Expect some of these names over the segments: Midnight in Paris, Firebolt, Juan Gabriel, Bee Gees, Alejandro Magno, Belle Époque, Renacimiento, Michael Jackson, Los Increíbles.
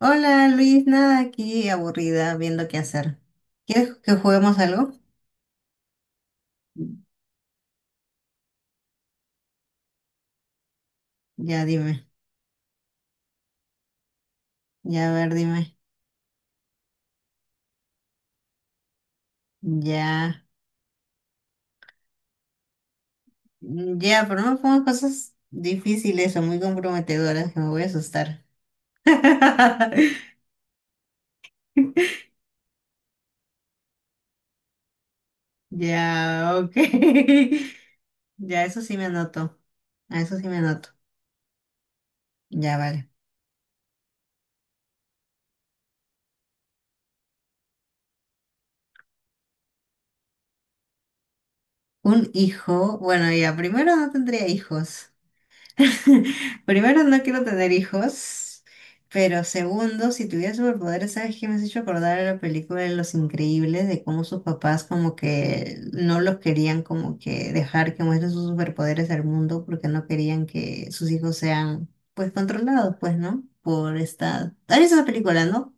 Hola Luis, nada aquí aburrida viendo qué hacer. ¿Quieres que juguemos algo? Ya dime, ya a ver, dime. Ya, ya, pero no me pongas cosas difíciles o muy comprometedoras que me voy a asustar. Ya, ok. Ya, eso sí me anoto. A eso sí me anoto. Ya, vale. Un hijo, bueno, ya, primero no tendría hijos. Primero, no quiero tener hijos, pero segundo, si tuviera superpoderes, ¿sabes qué me has hecho acordar a la película de Los Increíbles? De cómo sus papás como que no los querían como que dejar que muestren sus superpoderes al mundo porque no querían que sus hijos sean pues controlados, pues, ¿no? Por esta... ¿Has visto esa película, no?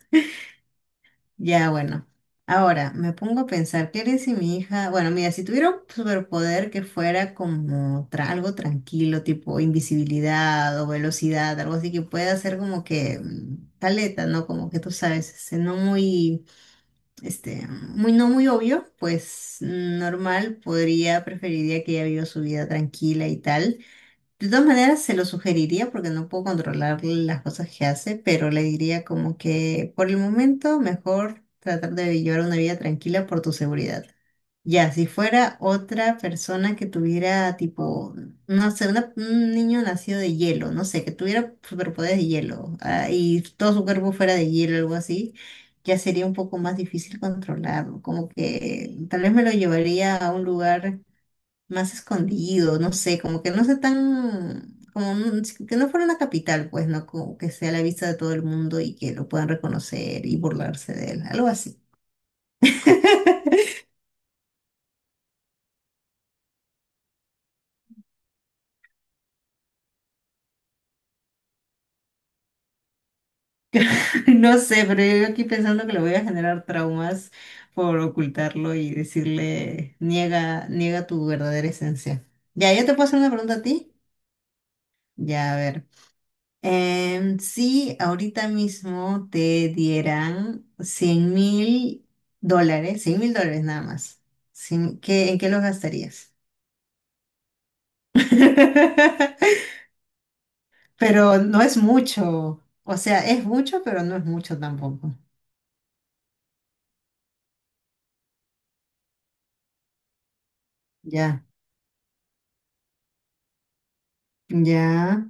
Ya, bueno. Ahora, me pongo a pensar, ¿qué haría si mi hija, bueno, mira, si tuviera un superpoder que fuera como algo tranquilo, tipo invisibilidad o velocidad, algo así que pueda ser como que caleta, ¿no? Como que tú sabes, este, no muy, este, muy, no muy obvio, pues normal, podría, preferiría que ella viva su vida tranquila y tal. De todas maneras, se lo sugeriría porque no puedo controlar las cosas que hace, pero le diría como que por el momento mejor tratar de llevar una vida tranquila por tu seguridad. Ya, si fuera otra persona que tuviera tipo, no sé, un niño nacido de hielo, no sé, que tuviera superpoderes de hielo, ah, y todo su cuerpo fuera de hielo, algo así, ya sería un poco más difícil controlarlo. Como que tal vez me lo llevaría a un lugar más escondido, no sé, como que no sea tan, como sí, que no fuera una capital, pues, ¿no? Como que sea a la vista de todo el mundo y que lo puedan reconocer y burlarse de él, algo así. No sé, pero yo aquí pensando que le voy a generar traumas por ocultarlo y decirle, niega, niega tu verdadera esencia. Ya, yo te puedo hacer una pregunta a ti. Ya, a ver. Si ahorita mismo te dieran $100.000, $100.000 nada más, ¿en qué los gastarías? Pero no es mucho, o sea, es mucho, pero no es mucho tampoco. Ya, ya,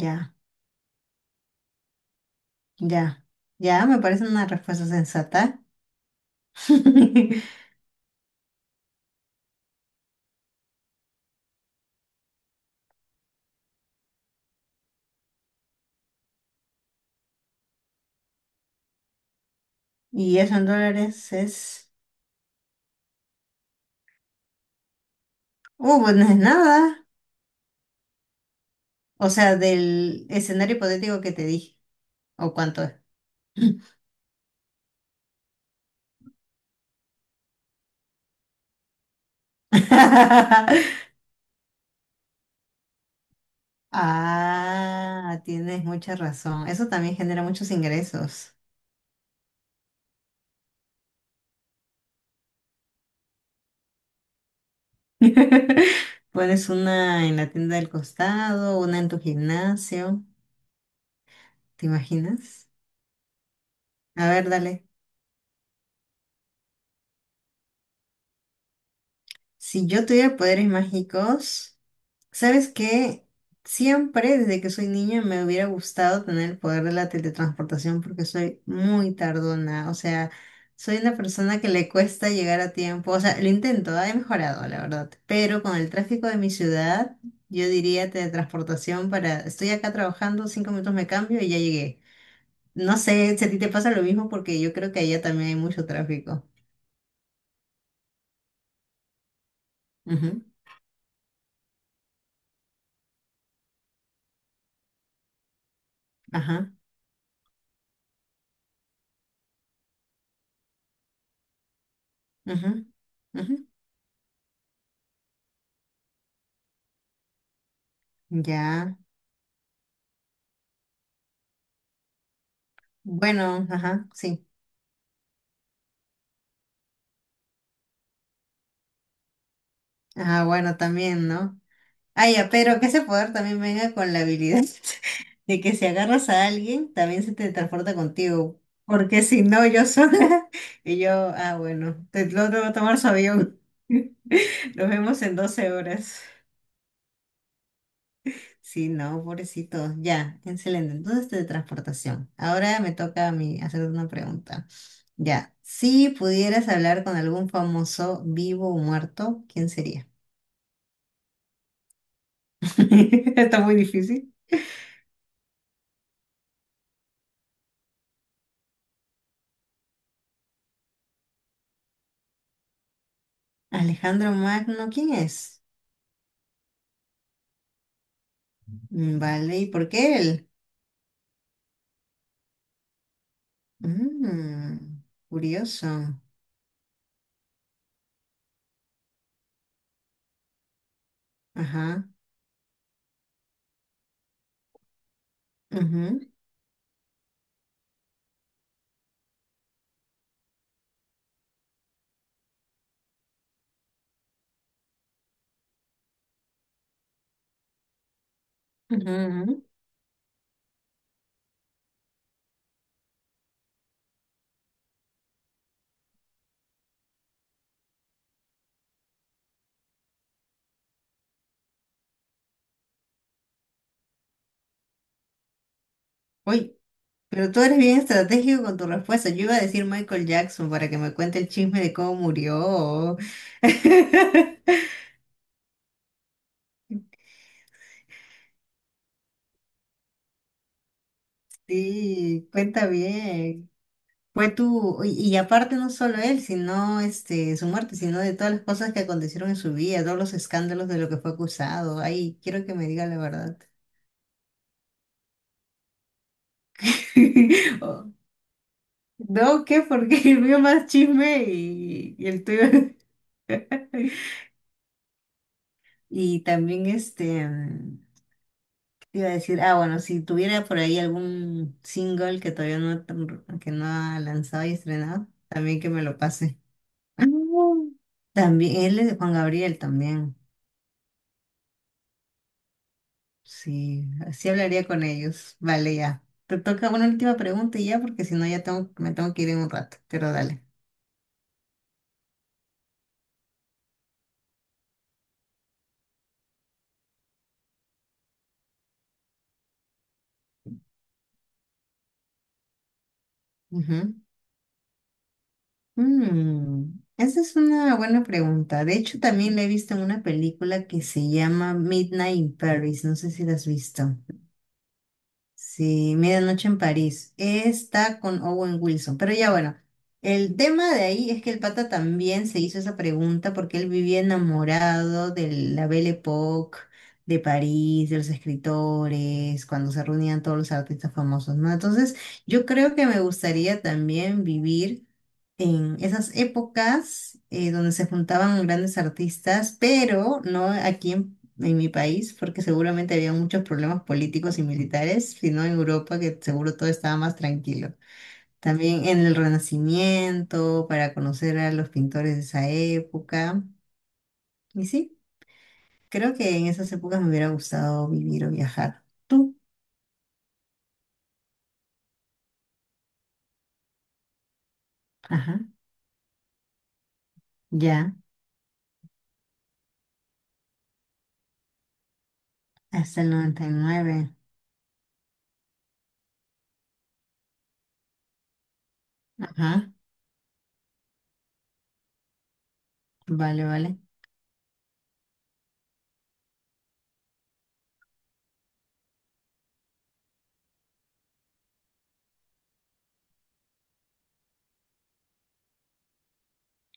ya, ya, ya, me parece una respuesta sensata. Y eso en dólares es, pues no es nada, o sea, del escenario hipotético que te dije, o cuánto es. Ah, tienes mucha razón. Eso también genera muchos ingresos. Pones una en la tienda del costado, una en tu gimnasio, ¿te imaginas? A ver, dale. Si yo tuviera poderes mágicos, ¿sabes qué? Siempre desde que soy niña me hubiera gustado tener el poder de la teletransportación porque soy muy tardona, o sea, soy una persona que le cuesta llegar a tiempo, o sea, lo intento, ah, he mejorado, la verdad, pero con el tráfico de mi ciudad, yo diría teletransportación para, estoy acá trabajando, 5 minutos me cambio y ya llegué. No sé si a ti te pasa lo mismo porque yo creo que allá también hay mucho tráfico. Ujú, ajá, ujú, ujú, ya, bueno, ajá, sí. Ah, bueno, también, ¿no? Ah, ya, pero que ese poder también venga con la habilidad de que si agarras a alguien, también se te transporta contigo. Porque si no, yo sola. Y yo, ah, bueno, te, lo tengo que tomar su avión. Nos vemos en 12 horas. Sí, no, pobrecito. Ya, excelente. Entonces, teletransportación. Ahora me toca a mí hacer una pregunta. Ya, si pudieras hablar con algún famoso vivo o muerto, ¿quién sería? Está muy difícil. Alejandro Magno, ¿quién es? Mm, vale, ¿y por qué él? Mm, curioso. Ajá. Ujú, ujú, ujú. Uy, pero tú eres bien estratégico con tu respuesta. Yo iba a decir Michael Jackson para que me cuente el chisme de cómo murió. Sí, cuenta bien. Fue tú, y aparte no solo él, sino este, su muerte, sino de todas las cosas que acontecieron en su vida, todos los escándalos de lo que fue acusado. Ay, quiero que me diga la verdad. No, ¿qué? Porque el mío más chisme y el tuyo. Y también este, ¿qué te iba a decir? Ah, bueno, si tuviera por ahí algún single que todavía no, que no ha lanzado y estrenado, también que me lo pase. Ah, también, él es de Juan Gabriel también. Sí, así hablaría con ellos. Vale, ya. Te toca una última pregunta y ya, porque si no ya tengo, me tengo que ir en un rato, pero dale. Ujú. Mm, esa es una buena pregunta. De hecho, también la he visto en una película que se llama Midnight in Paris. No sé si la has visto. Sí, Medianoche en París. Está con Owen Wilson. Pero ya bueno, el tema de ahí es que el pata también se hizo esa pregunta porque él vivía enamorado de la Belle Époque, de París, de los escritores, cuando se reunían todos los artistas famosos, ¿no? Entonces, yo creo que me gustaría también vivir en esas épocas donde se juntaban grandes artistas, pero no aquí en mi país, porque seguramente había muchos problemas políticos y militares, sino en Europa, que seguro todo estaba más tranquilo. También en el Renacimiento, para conocer a los pintores de esa época. Y sí, creo que en esas épocas me hubiera gustado vivir o viajar. ¿Tú? Ajá, ya, hasta el 99. Ajá, vale, vale.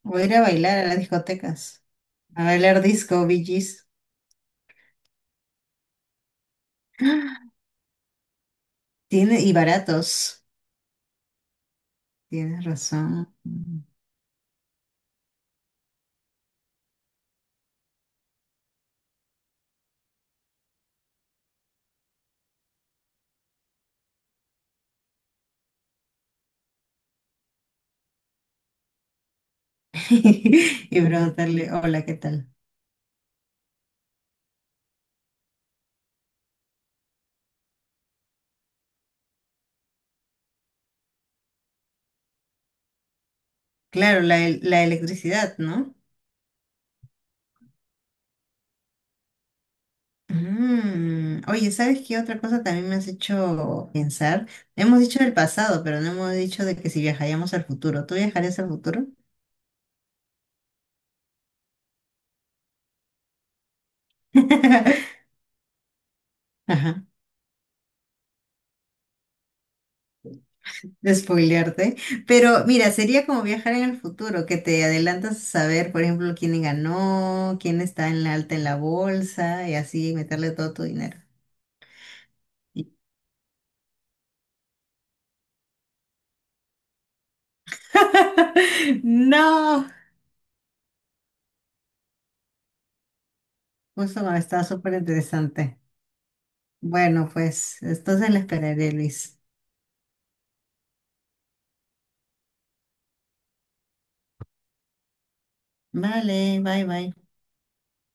O ir a bailar a las discotecas. A bailar disco, Bee Gees. Tiene, y baratos. Tienes razón. Y preguntarle, hola, ¿qué tal? Claro, la electricidad, ¿no? Mm, oye, ¿sabes qué otra cosa también me has hecho pensar? Hemos dicho del pasado, pero no hemos dicho de que si viajaríamos al futuro. ¿Tú viajarías al futuro? Ajá. De spoilearte, pero mira, sería como viajar en el futuro, que te adelantas a saber, por ejemplo, quién ganó, quién está en la alta en la bolsa y así meterle todo tu dinero. No, justo cuando está súper interesante. Bueno, pues entonces la esperaré, Luis. Vale, bye, bye.